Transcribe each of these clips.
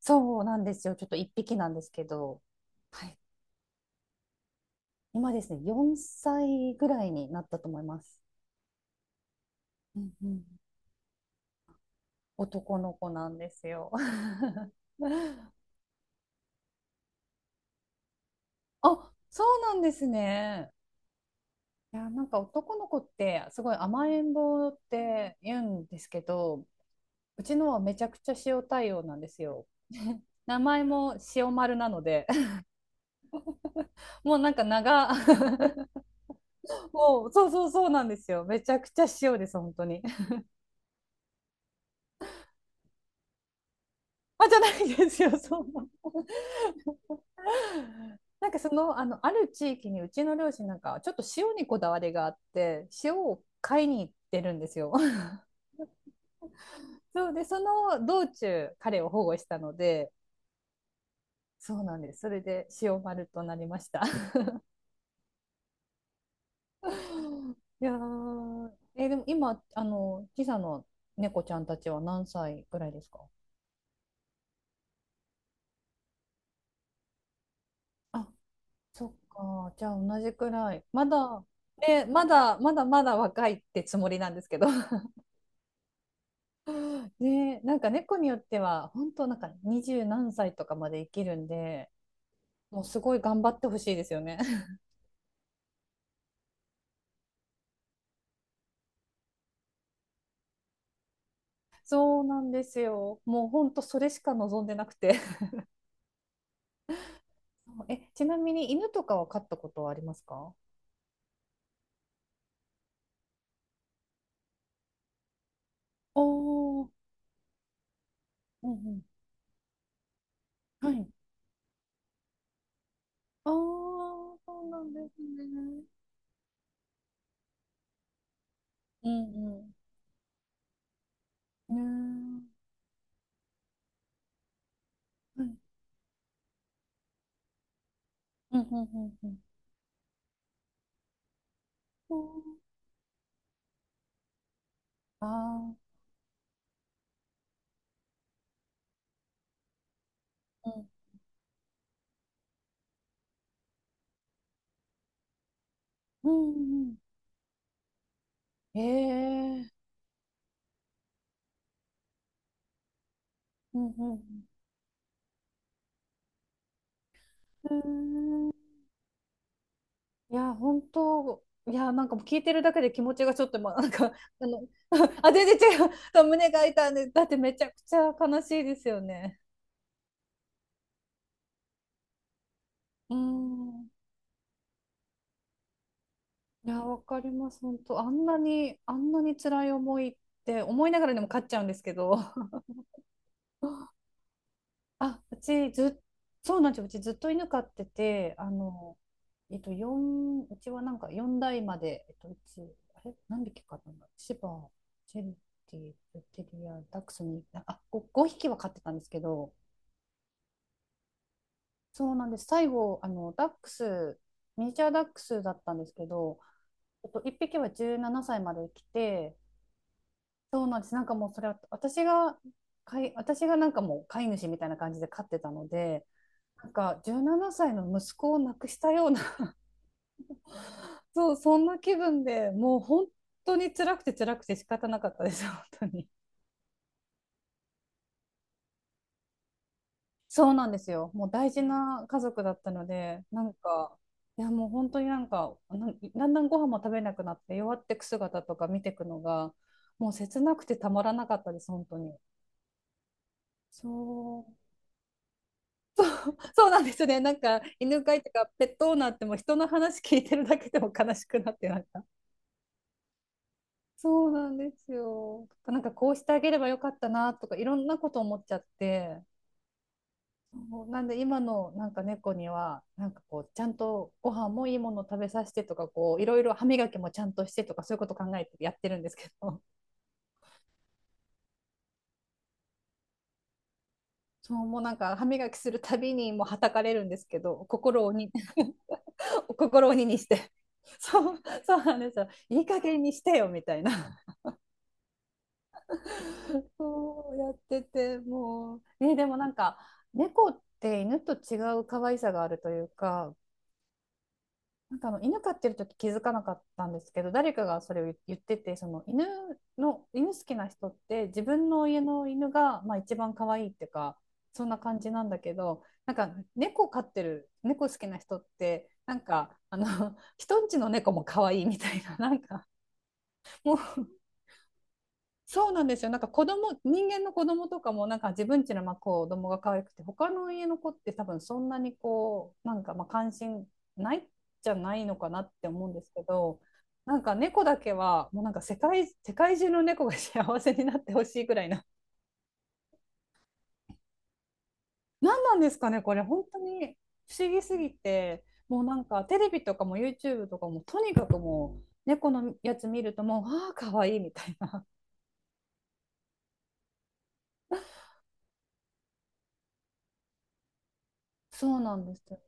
そうなんですよ。ちょっと一匹なんですけど、はい。今ですね、4歳ぐらいになったと思います。うんうん。男の子なんですよ。あ、そうなんですね。いや、なんか男の子ってすごい甘えん坊って言うんですけど、うちのはめちゃくちゃ塩対応なんですよ。名前も塩丸なので、もうなんかもうそうそうそうなんですよ。めちゃくちゃ塩です、本当に。あ、じゃないですよ、そんな。なんかある地域にうちの両親なんか、ちょっと塩にこだわりがあって、塩を買いに行ってるんですよ。そうで、その道中、彼を保護したので、そうなんです。それで塩丸となりました。いやー、でも今、時差の猫ちゃんたちは何歳ぐらいですか？あ、そっか、じゃあ同じくらい。まだ、ね、まだ、まだまだ若いってつもりなんですけど。ねえ、なんか猫によっては、本当なんか二十何歳とかまで生きるんで、もうすごい頑張ってほしいですよね。そうなんですよ。もう本当それしか望んでなくて。え、ちなみに犬とかは飼ったことはありますか？おー、うんうん。はい。ああ、そうなんですね。うんうん。ねえ。はい。うんうんうんうん。ああー、うん。うんうん。ええ。うんうんうん。うん。いや、本当、いや、なんかもう聞いてるだけで気持ちがちょっと、まあ、なんか、あの、あ、全然違う。胸が痛んで、だってめちゃくちゃ悲しいですよね。うん。いや、わかります。本当、あんなに、あんなに辛い思いって思いながらでも勝っちゃうんですけど。あ、うちずっ、そうなんですよ。うちずっと犬飼ってて、うちはなんか4代まで、うち、あれ何匹飼ったんだシバ、チェリティ、ルテリア、ダックスに、あ、5匹は飼ってたんですけど、そうなんです。最後、ダックス、ミニチュアダックスだったんですけど、1匹は17歳まで生きて、そうなんです。なんかもうそれは、私がなんかもう飼い主みたいな感じで飼ってたので、なんか17歳の息子を亡くしたような そう、そんな気分でもう本当に辛くて辛くて仕方なかったです、本当に。そうなんですよ。もう大事な家族だったので、なんか、いやもう本当になんか、だんだんご飯も食べなくなって弱ってく姿とか見てくのが、もう切なくてたまらなかったです、本当に。そう、そうなんですね。なんか犬飼いとかペットオーナーってもう人の話聞いてるだけでも悲しくなって、なんか、そうなんですよ。なんかこうしてあげればよかったなとかいろんなこと思っちゃって。そうなんで今のなんか猫にはなんかこうちゃんとご飯もいいものを食べさせてとか、こういろいろ歯磨きもちゃんとしてとか、そういうこと考えてやってるんですけど、そうもうなんか歯磨きするたびにもうはたかれるんですけど、心を鬼 心を鬼にして、そう、そうなんですよ、いい加減にしてよみたいな。 そうやっててもう、ね、でもなんか猫って犬と違う可愛さがあるというか、なんかあの犬飼ってる時気づかなかったんですけど、誰かがそれを言ってて、犬好きな人って自分の家の犬が、まあ、一番可愛いっていうか、そんな感じなんだけど、なんか猫飼ってる猫好きな人ってなんか人んちの猫も可愛いみたいな、なんかもうそうなんですよ。なんか人間の子供とかもなんか自分家のまあ子供が可愛くて、他の家の子って多分そんなにこう、なんかまあ関心ないじゃないのかなって思うんですけど、なんか猫だけはもうなんか世界中の猫が幸せになってほしいぐらいな。何なんですかね、これ本当に不思議すぎて、もうなんかテレビとかも YouTube とかもとにかくもう猫のやつ見るともう、ああ、可愛いみたいな。そうなんですよ。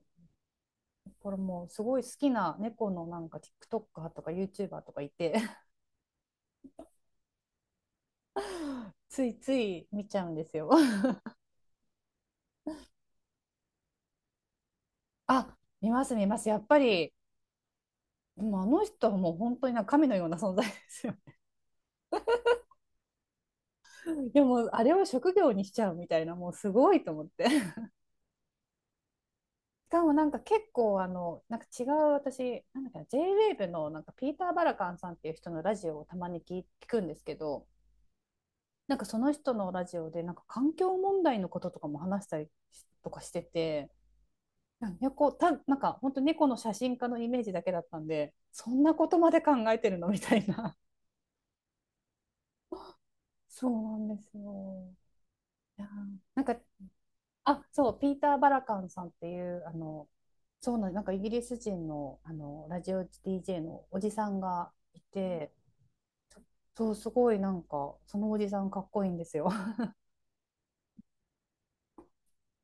これもうすごい好きな猫のなんか TikToker とか YouTuber とかいて、 ついつい見ちゃうんですよ。 あ、見ます見ます、やっぱりもうあの人はもう本当になんか神のような存在ですよ。 いやもうあれを職業にしちゃうみたいな、もうすごいと思って。 しかもなんか結構なんか違う、私なんだっけな、 j ウェーブのなんかピーター・バラカンさんっていう人のラジオをたまに聞くんですけど、なんかその人のラジオでなんか環境問題のこととかも話したりとかしてて、なんやこうたなんか本当猫の写真家のイメージだけだったんで、そんなことまで考えてるのみたいな、そうなんですよ。いやなんか、あ、そう、ピーター・バラカンさんっていうそうなんなんかイギリス人の、あのラジオ DJ のおじさんがいて、そうすごいなんかそのおじさんかっこいいんですよ。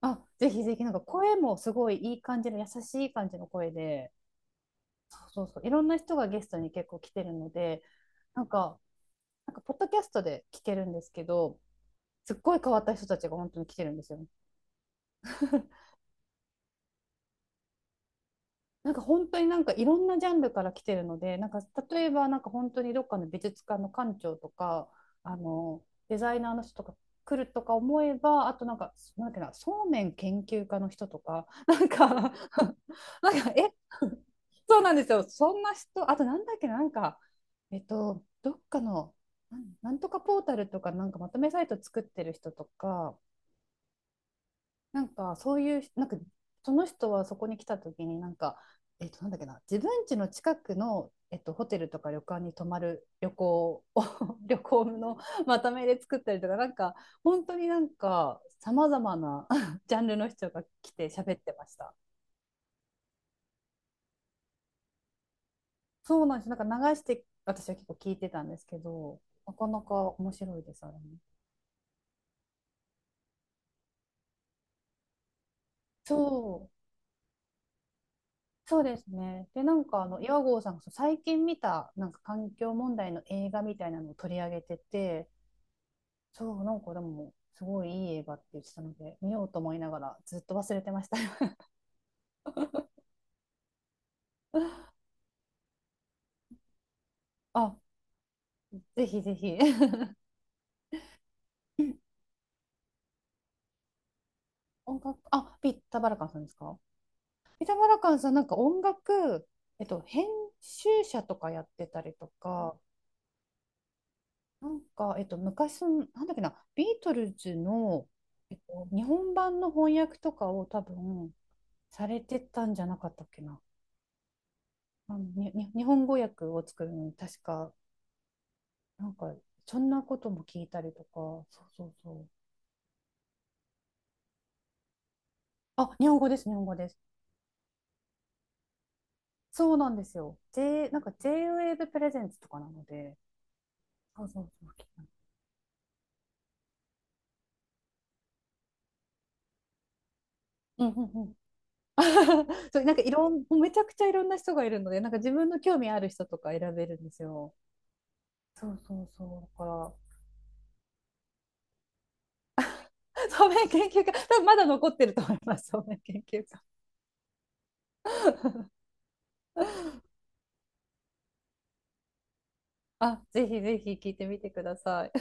あ、ぜひぜひ、なんか声もすごいいい感じの優しい感じの声で、そうそうそう、いろんな人がゲストに結構来てるので、なんかポッドキャストで聞けるんですけど、すっごい変わった人たちが本当に来てるんですよ。 なんか本当になんかいろんなジャンルから来てるので、なんか例えばなんか本当にどっかの美術館の館長とか、あのデザイナーの人とか来るとか思えば、あとなんかなんだ、そうめん研究家の人とか、 なんか なんかえ そうなんですよ。そんな人、あとなんだっけ、なんかどっかの、なんとかポータルとか、なんかまとめサイト作ってる人とか、なんかそういうなんか、その人はそこに来た時になんかなんだっけな、自分家の近くの、ホテルとか旅館に泊まる旅行を 旅行のまとめで作ったりとか、なんか本当になんかさまざまな ジャンルの人が来て喋ってました。そうなんです、なんか流して私は結構聞いてたんですけど、なかなか面白いですあれね。そうそうですね。で、なんかあの岩合さんがそう最近見たなんか環境問題の映画みたいなのを取り上げてて、そう、なんかでもすごいいい映画って言ってたので、見ようと思いながらずっと忘れてました。あ、ぜひぜひ。音楽、あ、ピッタ・バラカンさんですか？ピッタ・バラカンさん、なんか音楽、編集者とかやってたりとか、なんか、昔の、なんだっけな、ビートルズの、日本版の翻訳とかを多分、されてたんじゃなかったっけな。あのに日本語訳を作るのに確か、なんか、そんなことも聞いたりとか、そうそうそう。あ、日本語です、日本語です。そうなんですよ。なんか J-Wave プレゼンツとかなので、そうそうそう。うんうんうん。そう、なんかいろん、めちゃくちゃいろんな人がいるので、なんか自分の興味ある人とか選べるんですよ。そうそうそう。だから、そうめん研究家、多分まだ残ってると思います、そうめん研究家。あ、ぜひぜひ聞いてみてください。